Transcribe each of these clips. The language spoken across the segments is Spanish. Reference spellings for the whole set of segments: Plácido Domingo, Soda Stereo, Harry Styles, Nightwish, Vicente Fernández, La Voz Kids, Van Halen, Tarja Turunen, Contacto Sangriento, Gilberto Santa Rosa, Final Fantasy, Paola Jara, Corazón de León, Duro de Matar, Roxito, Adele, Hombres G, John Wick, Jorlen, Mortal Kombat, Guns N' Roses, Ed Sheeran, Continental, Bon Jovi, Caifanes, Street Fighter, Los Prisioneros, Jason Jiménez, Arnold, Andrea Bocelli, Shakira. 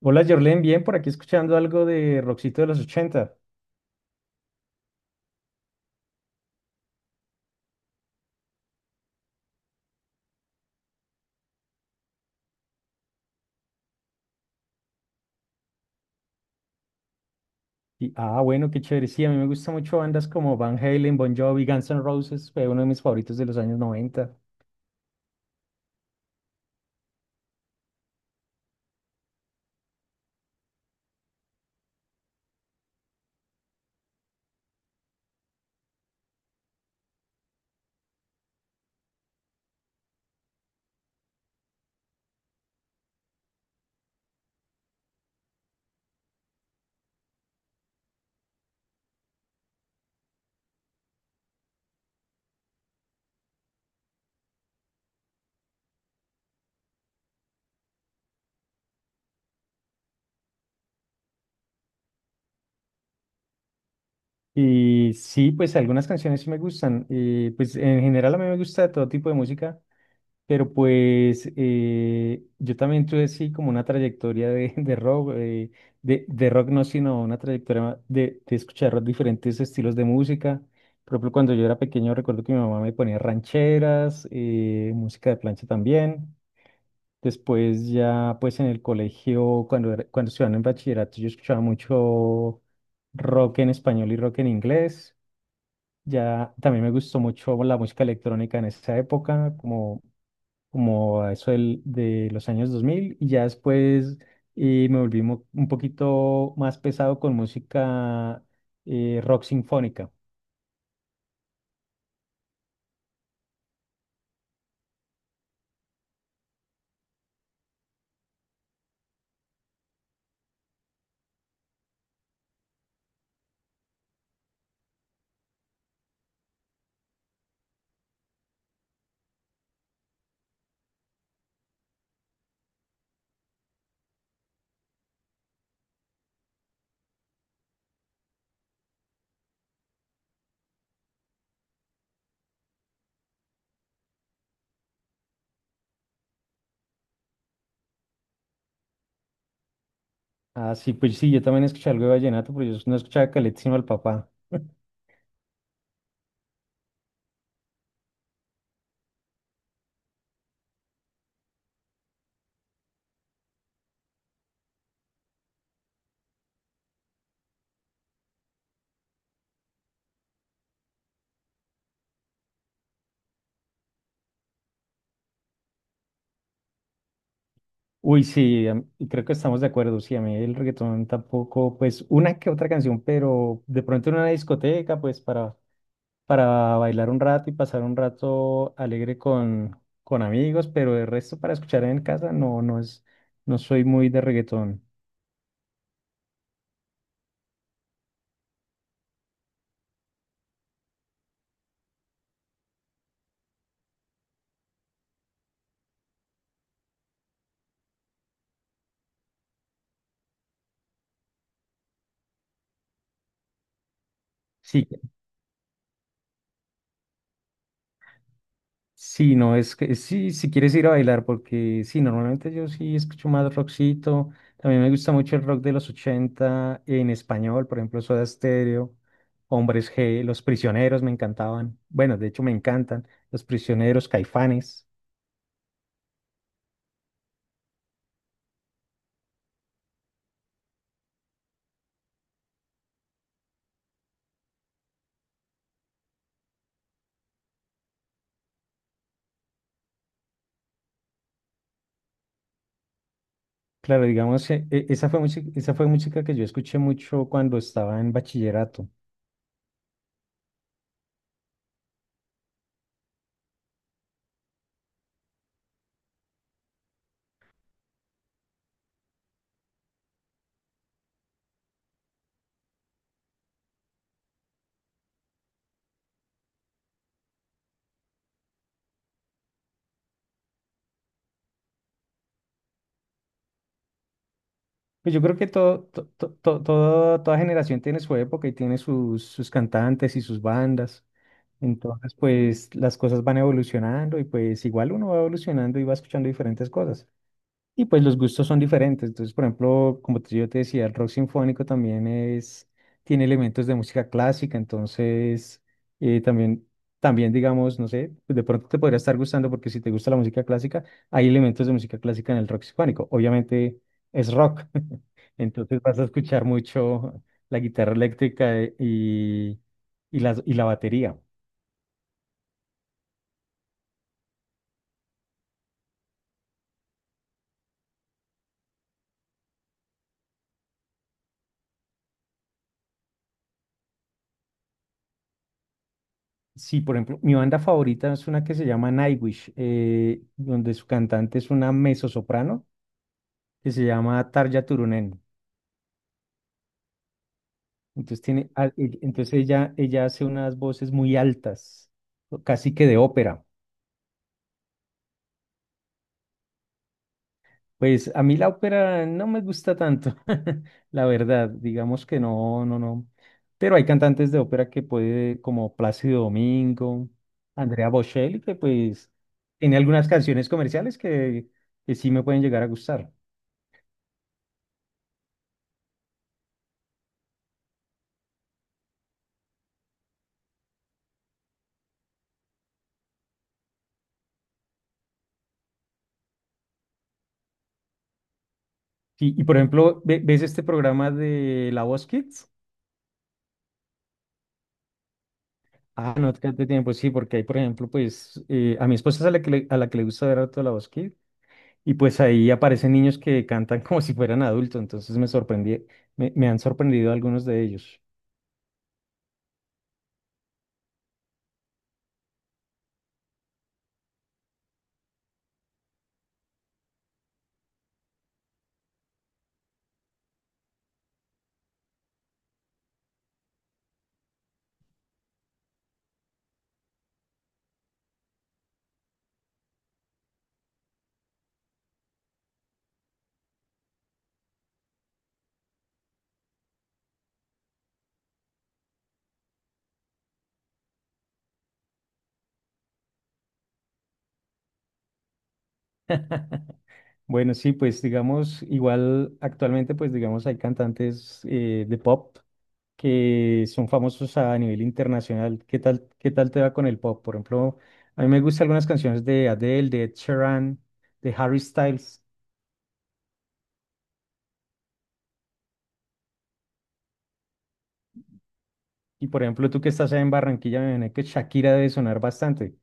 Hola, Jorlen, bien, por aquí escuchando algo de Roxito de los 80. Y bueno, qué chévere. Sí, a mí me gustan mucho bandas como Van Halen, Bon Jovi, Guns N' Roses, fue uno de mis favoritos de los años 90. Y sí, pues algunas canciones sí me gustan. Pues en general a mí me gusta todo tipo de música, pero pues yo también tuve sí como una trayectoria de rock, de rock no, sino una trayectoria de escuchar diferentes estilos de música. Por ejemplo, cuando yo era pequeño recuerdo que mi mamá me ponía rancheras, música de plancha también. Después ya, pues en el colegio, cuando estudiaba en bachillerato, yo escuchaba mucho rock en español y rock en inglés. Ya también me gustó mucho la música electrónica en esa época, como a eso de los años 2000. Y ya después, me volví un poquito más pesado con música, rock sinfónica. Así pues sí, yo también escuché algo de vallenato, pero yo no escuchaba Caleta sino al papá. Uy, sí, y creo que estamos de acuerdo. Sí, a mí el reggaetón tampoco, pues una que otra canción, pero de pronto en una discoteca, pues para bailar un rato y pasar un rato alegre con amigos, pero el resto para escuchar en casa no, no soy muy de reggaetón. Sí, sí, no, es que sí, si quieres ir a bailar, porque sí, normalmente yo sí escucho más rockcito. También me gusta mucho el rock de los 80 en español, por ejemplo, Soda Stereo, Hombres G, Los Prisioneros me encantaban. Bueno, de hecho me encantan Los Prisioneros, Caifanes. Claro, digamos, esa fue música que yo escuché mucho cuando estaba en bachillerato. Pues yo creo que todo, to- to- to- todo- toda generación tiene su época y tiene sus cantantes y sus bandas. Entonces, pues las cosas van evolucionando y pues igual uno va evolucionando y va escuchando diferentes cosas. Y pues los gustos son diferentes. Entonces, por ejemplo, yo te decía, el rock sinfónico también tiene elementos de música clásica. Entonces, eh, también, también digamos, no sé, pues, de pronto te podría estar gustando porque si te gusta la música clásica, hay elementos de música clásica en el rock sinfónico. Obviamente es rock, entonces vas a escuchar mucho la guitarra eléctrica, y la batería. Sí, por ejemplo, mi banda favorita es una que se llama Nightwish, donde su cantante es una mezzosoprano que se llama Tarja Turunen. Entonces tiene, entonces ella hace unas voces muy altas, o casi que de ópera. Pues a mí la ópera no me gusta tanto, la verdad, digamos que no, no, no. Pero hay cantantes de ópera que puede, como Plácido Domingo, Andrea Bocelli, que pues tiene algunas canciones comerciales que sí me pueden llegar a gustar. Sí, y por ejemplo, ¿ves este programa de La Voz Kids? Ah, no te de tiempo, sí, porque hay, por ejemplo, a mi esposa es a la que le gusta ver harto la Kids y pues ahí aparecen niños que cantan como si fueran adultos, entonces me sorprendí, me han sorprendido algunos de ellos. Bueno, sí, pues digamos, igual actualmente, pues digamos, hay cantantes, de pop que son famosos a nivel internacional. Qué tal te va con el pop? Por ejemplo, a mí me gustan algunas canciones de Adele, de Ed Sheeran, de Harry Styles. Y por ejemplo, tú que estás allá en Barranquilla, me imagino que Shakira debe sonar bastante.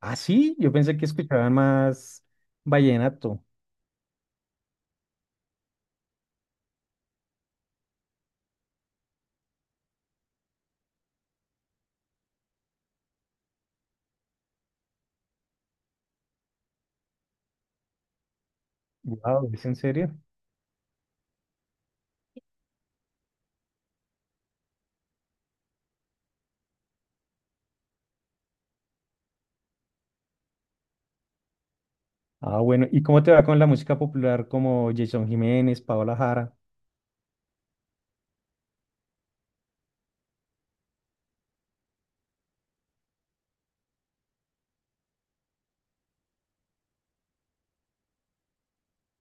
Ah, sí, yo pensé que escuchaban más vallenato. Wow, ¿es en serio? Ah, bueno, ¿y cómo te va con la música popular como Jason Jiménez, Paola Jara?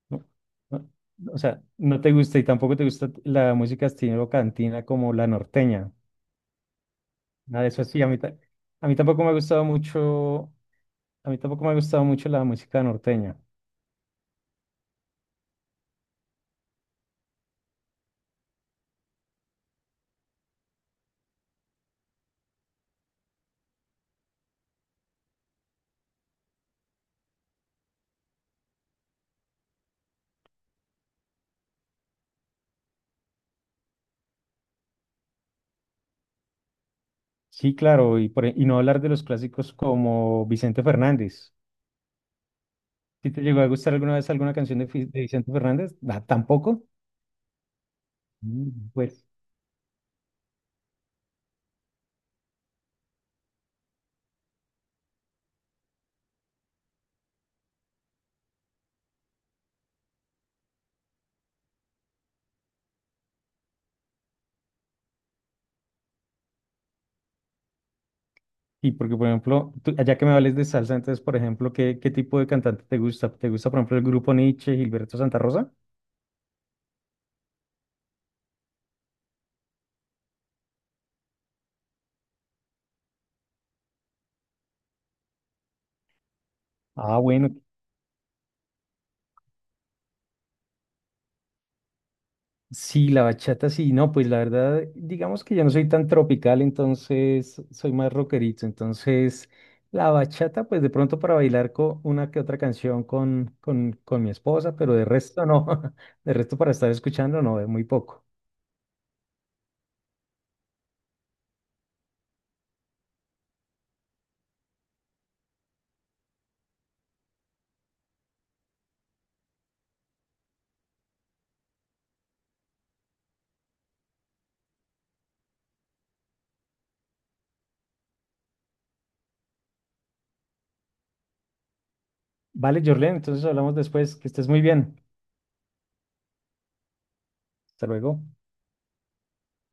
No, no, o sea, no te gusta y tampoco te gusta la música estilo cantina como la norteña. Nada de eso sí, a mí, a mí tampoco me ha gustado mucho, a mí tampoco me ha gustado mucho la música norteña. Sí, claro, y no hablar de los clásicos como Vicente Fernández. ¿Si te llegó a gustar alguna vez alguna canción de, de Vicente Fernández? Ah, tampoco. Mm, pues, y porque, por ejemplo, ya que me hables de salsa, entonces, por ejemplo, ¿qué tipo de cantante te gusta? ¿Te gusta, por ejemplo, el grupo Nietzsche, Gilberto Santa Rosa? Ah, bueno, sí, la bachata sí, no, pues la verdad, digamos que yo no soy tan tropical, entonces soy más rockerito, entonces la bachata, pues de pronto para bailar con una que otra canción con mi esposa, pero de resto no, de resto para estar escuchando no, es muy poco. Vale, Jorlen, entonces hablamos después. Que estés muy bien. Hasta luego.